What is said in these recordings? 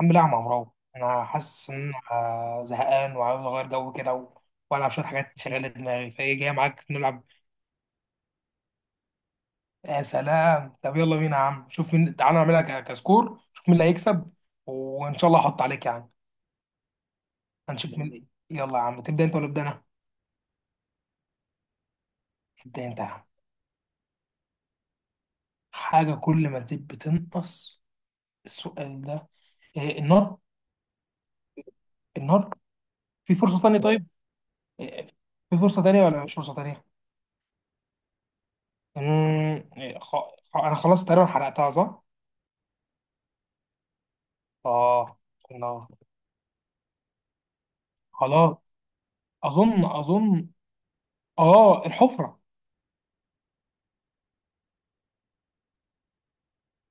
الحمد لله يا عم عمرو، انا حاسس ان انا زهقان وعاوز اغير جو كده والعب شويه حاجات تشغل دماغي. فايه جاي معاك نلعب؟ يا سلام، طب يلا بينا يا عم. شوف مين، تعالى نعملها كسكور شوف مين اللي هيكسب، وان شاء الله احط عليك يعني. هنشوف مين. يلا يا عم تبدا انت ولا ابدا انا؟ ابدا انت يا عم. حاجه كل ما تزيد بتنقص؟ السؤال ده إيه؟ النار. النار. في فرصه تانية طيب؟ إيه، في فرصه تانية ولا مش فرصه تانية؟ امم إيه، خ... انا خلاص تقريبا حرقتها صح. اه، النار. خلاص. اظن اه، الحفره.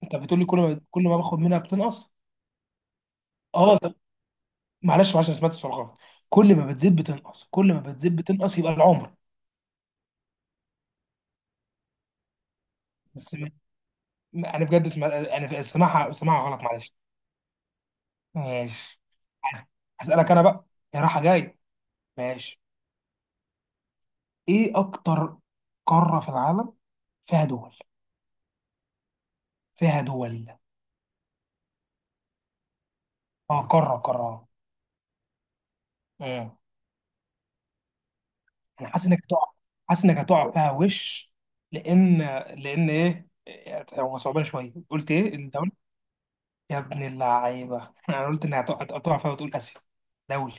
انت بتقول لي كل ما باخد منها بتنقص. اه طب معلش معلش، انا سمعت السؤال غلط. كل ما بتزيد بتنقص، كل ما بتزيد بتنقص يبقى العمر. بس انا بجد اسمع، انا سمعها غلط معلش. ماشي. هس- هسألك انا بقى. يا راحه جاي. ماشي. ايه اكتر قاره في العالم فيها دول؟ فيها دول. اه، قاره. آه. انا حاسس انك هتقع. حاسس انك هتقع فيها وش. لان لان ايه هو صعبان شويه. قلت ايه الدولي. يا ابن اللعيبه انا قلت انها هتقع، هتقع فيها وتقول اسيا. دولي.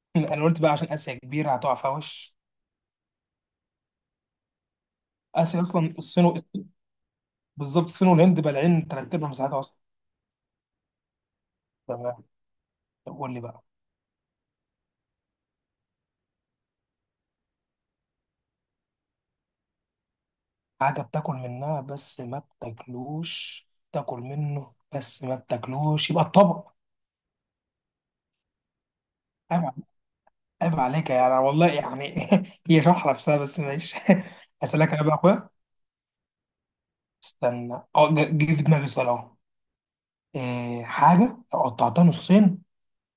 انا قلت بقى عشان اسيا كبيره هتقع فيها وش. اسيا اصلا الصين بالظبط، الصين والهند بالعين تلات ارباع مساحتها اصلا. تمام. طب قول لي بقى. حاجه بتاكل منها بس ما بتاكلوش. تاكل منه بس ما بتاكلوش يبقى الطبق. أيوة. عيب عليك يعني، والله يعني هي شرحة نفسها بس ماشي. أسألك أنا بقى يا أخويا. استنى، أه، جه في دماغي سؤال أهو. إيه حاجة لو قطعتها نصين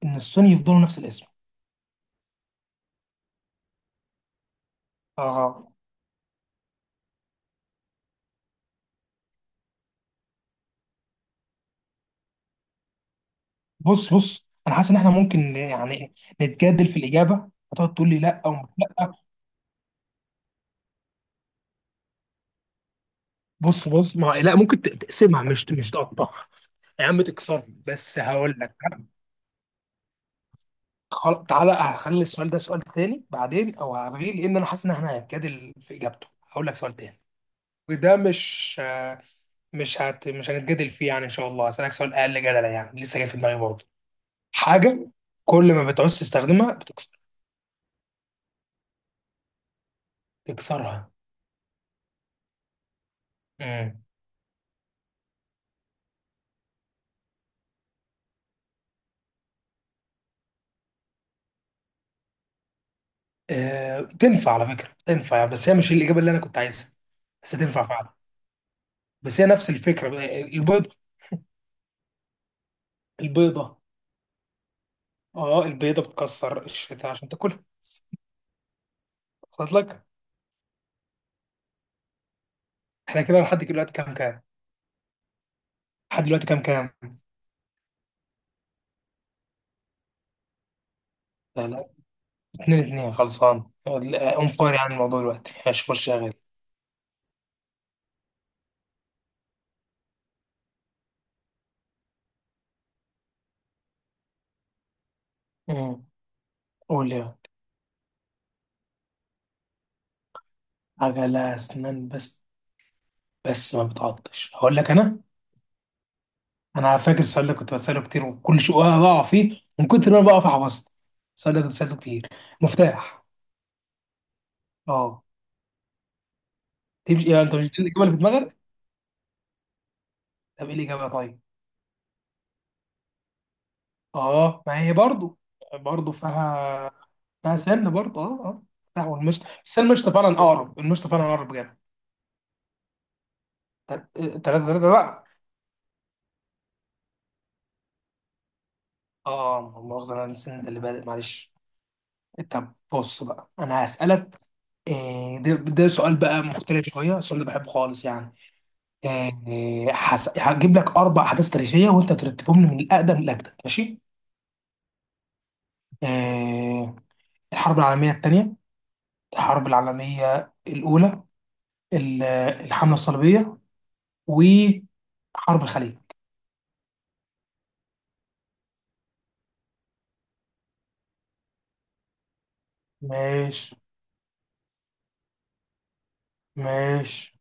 النصين يفضلوا نفس الاسم؟ أه. بص أنا حاسس إن إحنا ممكن يعني نتجادل في الإجابة، هتقعد تقول لي لأ أو مش لأ. بص ما لا، ممكن تقسمها مش مش تقطعها يا عم، تكسرها. بس هقول لك. تعالى هخلي السؤال ده سؤال تاني بعدين أو هلغيه، لأن أنا حاسس إن إحنا هنتجادل في إجابته. هقول لك سؤال تاني. وده مش مش هنتجادل فيه يعني ان شاء الله. هسألك سؤال اقل جدلا يعني لسه جاي في دماغي برضه. حاجه كل ما بتعوز تستخدمها بتكسر. تكسرها. امم. آه... تنفع على فكره، تنفع يعني، بس هي مش الاجابه اللي انا كنت عايزها. بس تنفع فعلا. بس هي نفس الفكره. البيضه. البيضه. اه، البيضه بتكسر الشتاء عشان تاكلها. وصلت لك؟ احنا كده لحد دلوقتي كام كام؟ لحد دلوقتي كام كام؟ لا لا، اتنين اتنين. خلصان اون فاير يعني الموضوع دلوقتي، مش مش شغال. امم. قول يا عجلة أسنان. بس بس ما بتعطش، هقول لك أنا. أنا فاكر السؤال ده كنت بسأله كتير وكل شيء بقع فيه من كتر ما أنا بقف عبصت. السؤال ده كنت بسأله كتير. مفتاح. أه. تمشي يعني، أنت مش دي الإجابة اللي في دماغك؟ طب إيه الإجابة طيب؟ أه، ما هي برضو. برضو فيها. فيها سن برضو. أه أه، مفتاح والمشط. بس المشط فعلا أقرب، المشط فعلا أقرب بجد. تل- تلاتة تلاتة بقى. أه، مؤاخذة، أنا السن ده اللي بادئ معلش. طب بص بقى أنا هسألك. إيه ده، ده سؤال بقى مختلف شويه، السؤال ده بحبه خالص يعني. إيه هجيب لك اربع احداث تاريخيه وانت ترتبهم لي من الاقدم للاجدد، ماشي؟ إيه: الحرب العالميه الثانيه، الحرب العالميه الاولى، ال- الحمله الصليبيه، وحرب الخليج. ماشي. ماشي.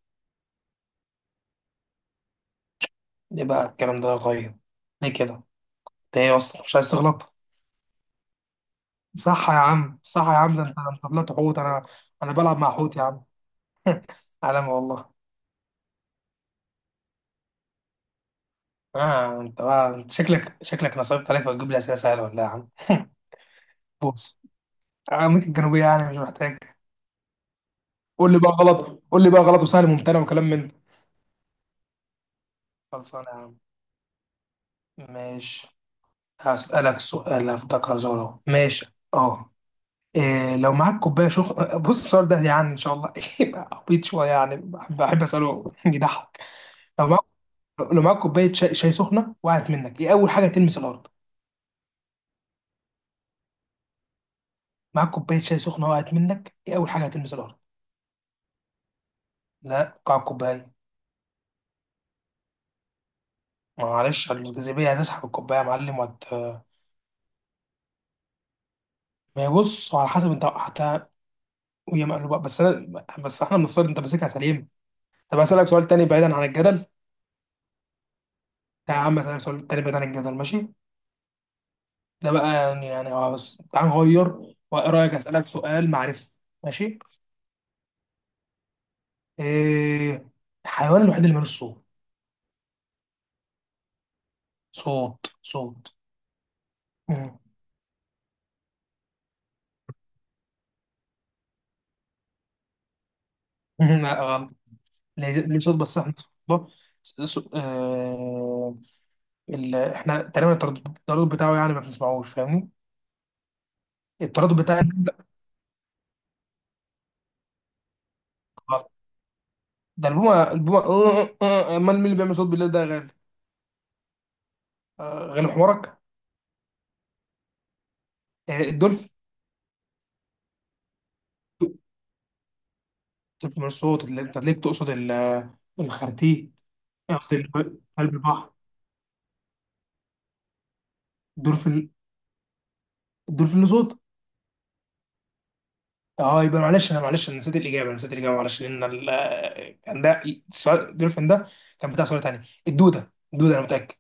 يبقى الكلام ده طيب. ليه كده؟ انت ايه اصلا مش عايز تغلط. صح يا عم، صح يا عم، ده انت، ده انت طلعت حوت. انا انا بلعب مع حوت يا عم. علامه والله. اه انت بقى، انت شكلك، شكلك نصبت عليك فتجيب لي اسئله سهله ولا إيه يا عم؟ بص، امريكا الجنوبيه يعني، مش محتاج. قول لي بقى غلط، قول لي بقى غلط وسهل ممتنع وكلام من ده. خلصان يا عم. ماشي. هسألك سؤال افتكر زوره، ماشي؟ اه، إيه لو معاك كوبايه شخ، بص السؤال ده يعني ان شاء الله يبقى عبيط شويه يعني، بحب بحب اساله بيضحك. لو معاك، لو معاك كوبايه شاي، شاي سخنه وقعت منك، ايه اول حاجه تلمس الارض؟ معاك كوبايه شاي سخنه وقعت منك، ايه اول حاجه هتلمس الارض؟ لا، قاع الكوبايه. ما معلش، الجاذبية هتسحب الكوباية يا معلم وهت. ما هي بص على حسب انت وقعتها، وهي مقلوبة بس، انا بس احنا بنفترض انت ماسكها سليم. طب اسألك سؤال تاني بعيدا عن الجدل. لا يا عم، اسألك سؤال تاني بعيدا عن الجدل ماشي؟ ده بقى يعني، يعني اه، بس تعال نغير. وايه رأيك اسألك سؤال معرفي. ماشي. ايه الحيوان الوحيد اللي ملوش صوت؟ صوت. مم. لا غلط. ليه ليه صوت، بس احنا صوت- اه، احنا تقريبا التردد بتاعه يعني ما بنسمعوش، فاهمني؟ التردد بتاع النملة. غلط. ده البومة، البومة. آه، آه، آه، أه، امال مين اللي بيعمل صوت بالليل ده يا غالي؟ غالي حمارك. الدولفين. الدولفين مش صوت اللي انت ليك، تقصد الخرتيت. قصدي قلب البحر. الدولفين. الدولفين له صوت. اه، يبقى معلش انا، معلش انا نسيت الاجابه. أنا نسيت الاجابه معلش، لان كان ده السؤال، الدولفين ده كان بتاع سؤال تاني. الدوده، الدوده، انا متاكد.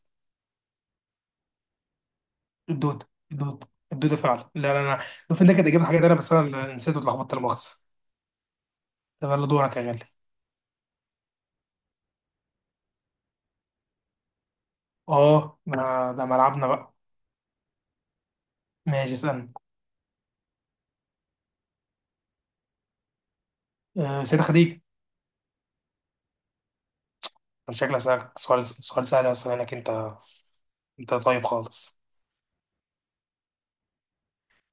الدوده فعلا. لا لا لا، الدولفين ده كانت اجابه حاجه تانيه، بس انا اللي نسيت واتلخبطت، لا مؤاخذه. طب يلا دورك يا غالي. اه، ما ده ملعبنا بقى. ماشي اسألني. أه، سيدة خديجة. شكلها سألك سؤال، سؤال سهل اصلا، انك انت، انت طيب خالص.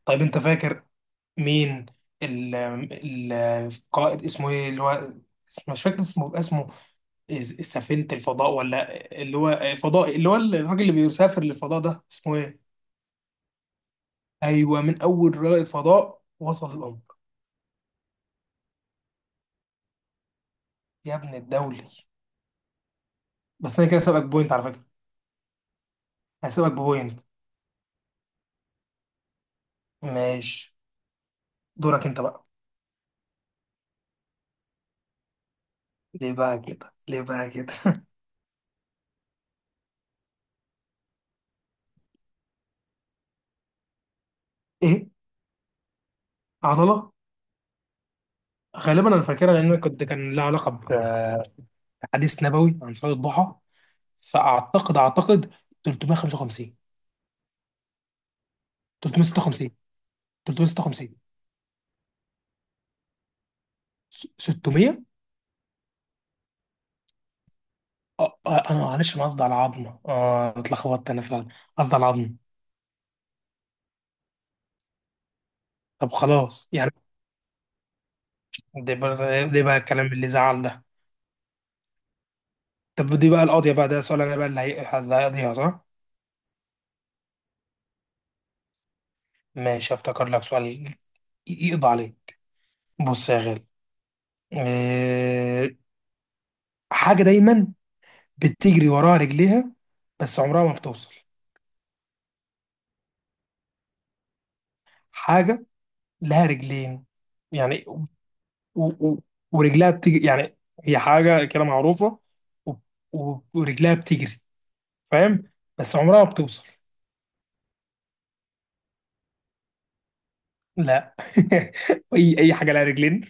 طيب انت فاكر مين، ال القائد اسمه ايه اللي هو مش فاكر اسمه، اسمه سفينة الفضاء ولا اللي هو فضائي، اللي هو الراجل اللي بيسافر للفضاء ده اسمه ايه؟ ايوه، من اول رائد فضاء وصل القمر؟ يا ابن الدولي. بس انا كده سابقك بوينت على فكرة. هسيبك بوينت. ماشي. دورك انت بقى. ليه بقى كده، ليه بقى كده؟ ايه. عضله. غالبا انا فاكرها لان أنا كنت كان لها علاقه بحديث نبوي عن صلاه الضحى، فاعتقد 355. 356. 356. 600. انا معلش انا قصدي على عظمه. اه، أنا اتلخبطت انا فعلا، قصدي على عظمه. طب خلاص يعني. ده بقى، ده بقى الكلام اللي زعل ده. طب دي بقى القاضيه بقى، ده سؤال انا بقى اللي اللي هيقضيها صح. ماشي. افتكر لك سؤال يقضى عليه. بص يا غالي. آه، حاجة دايما بتجري وراها رجليها بس عمرها ما بتوصل. حاجة لها رجلين يعني و... ورجلها بتجري يعني، هي حاجة كده معروفة و... ورجلها بتجري، فاهم، بس عمرها ما بتوصل. لا اي اي حاجة لها رجلين.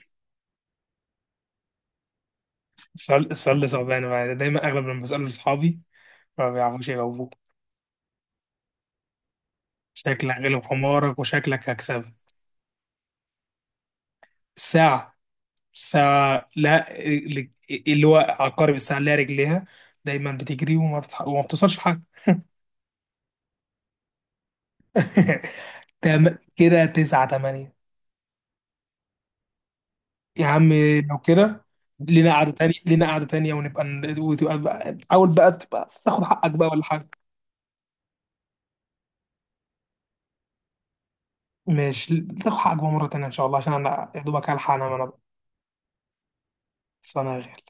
السؤال، السؤال ده صعبان بقى. دايما اغلب لما بسأله لاصحابي ما بيعرفوش يجاوبوه. شكلك غلب حمارك وشكلك هكسبك. الساعة. ساعة، لا رجل- اللي هو عقارب الساعة اللي هي رجليها دايما بتجري وما بتوصلش لحاجة. كده تسعة تمانية. يا عم. لو كده، لينا قعدة تانية، لينا قعدة تانية ونبقى حاول بقى تبقى تاخد حقك بقى ولا حاجة. ماشي، تاخد حقك بقى مرة تانية إن شاء الله، عشان أنا يا دوبك هلحق أنام أنا بقى. بس أنا غير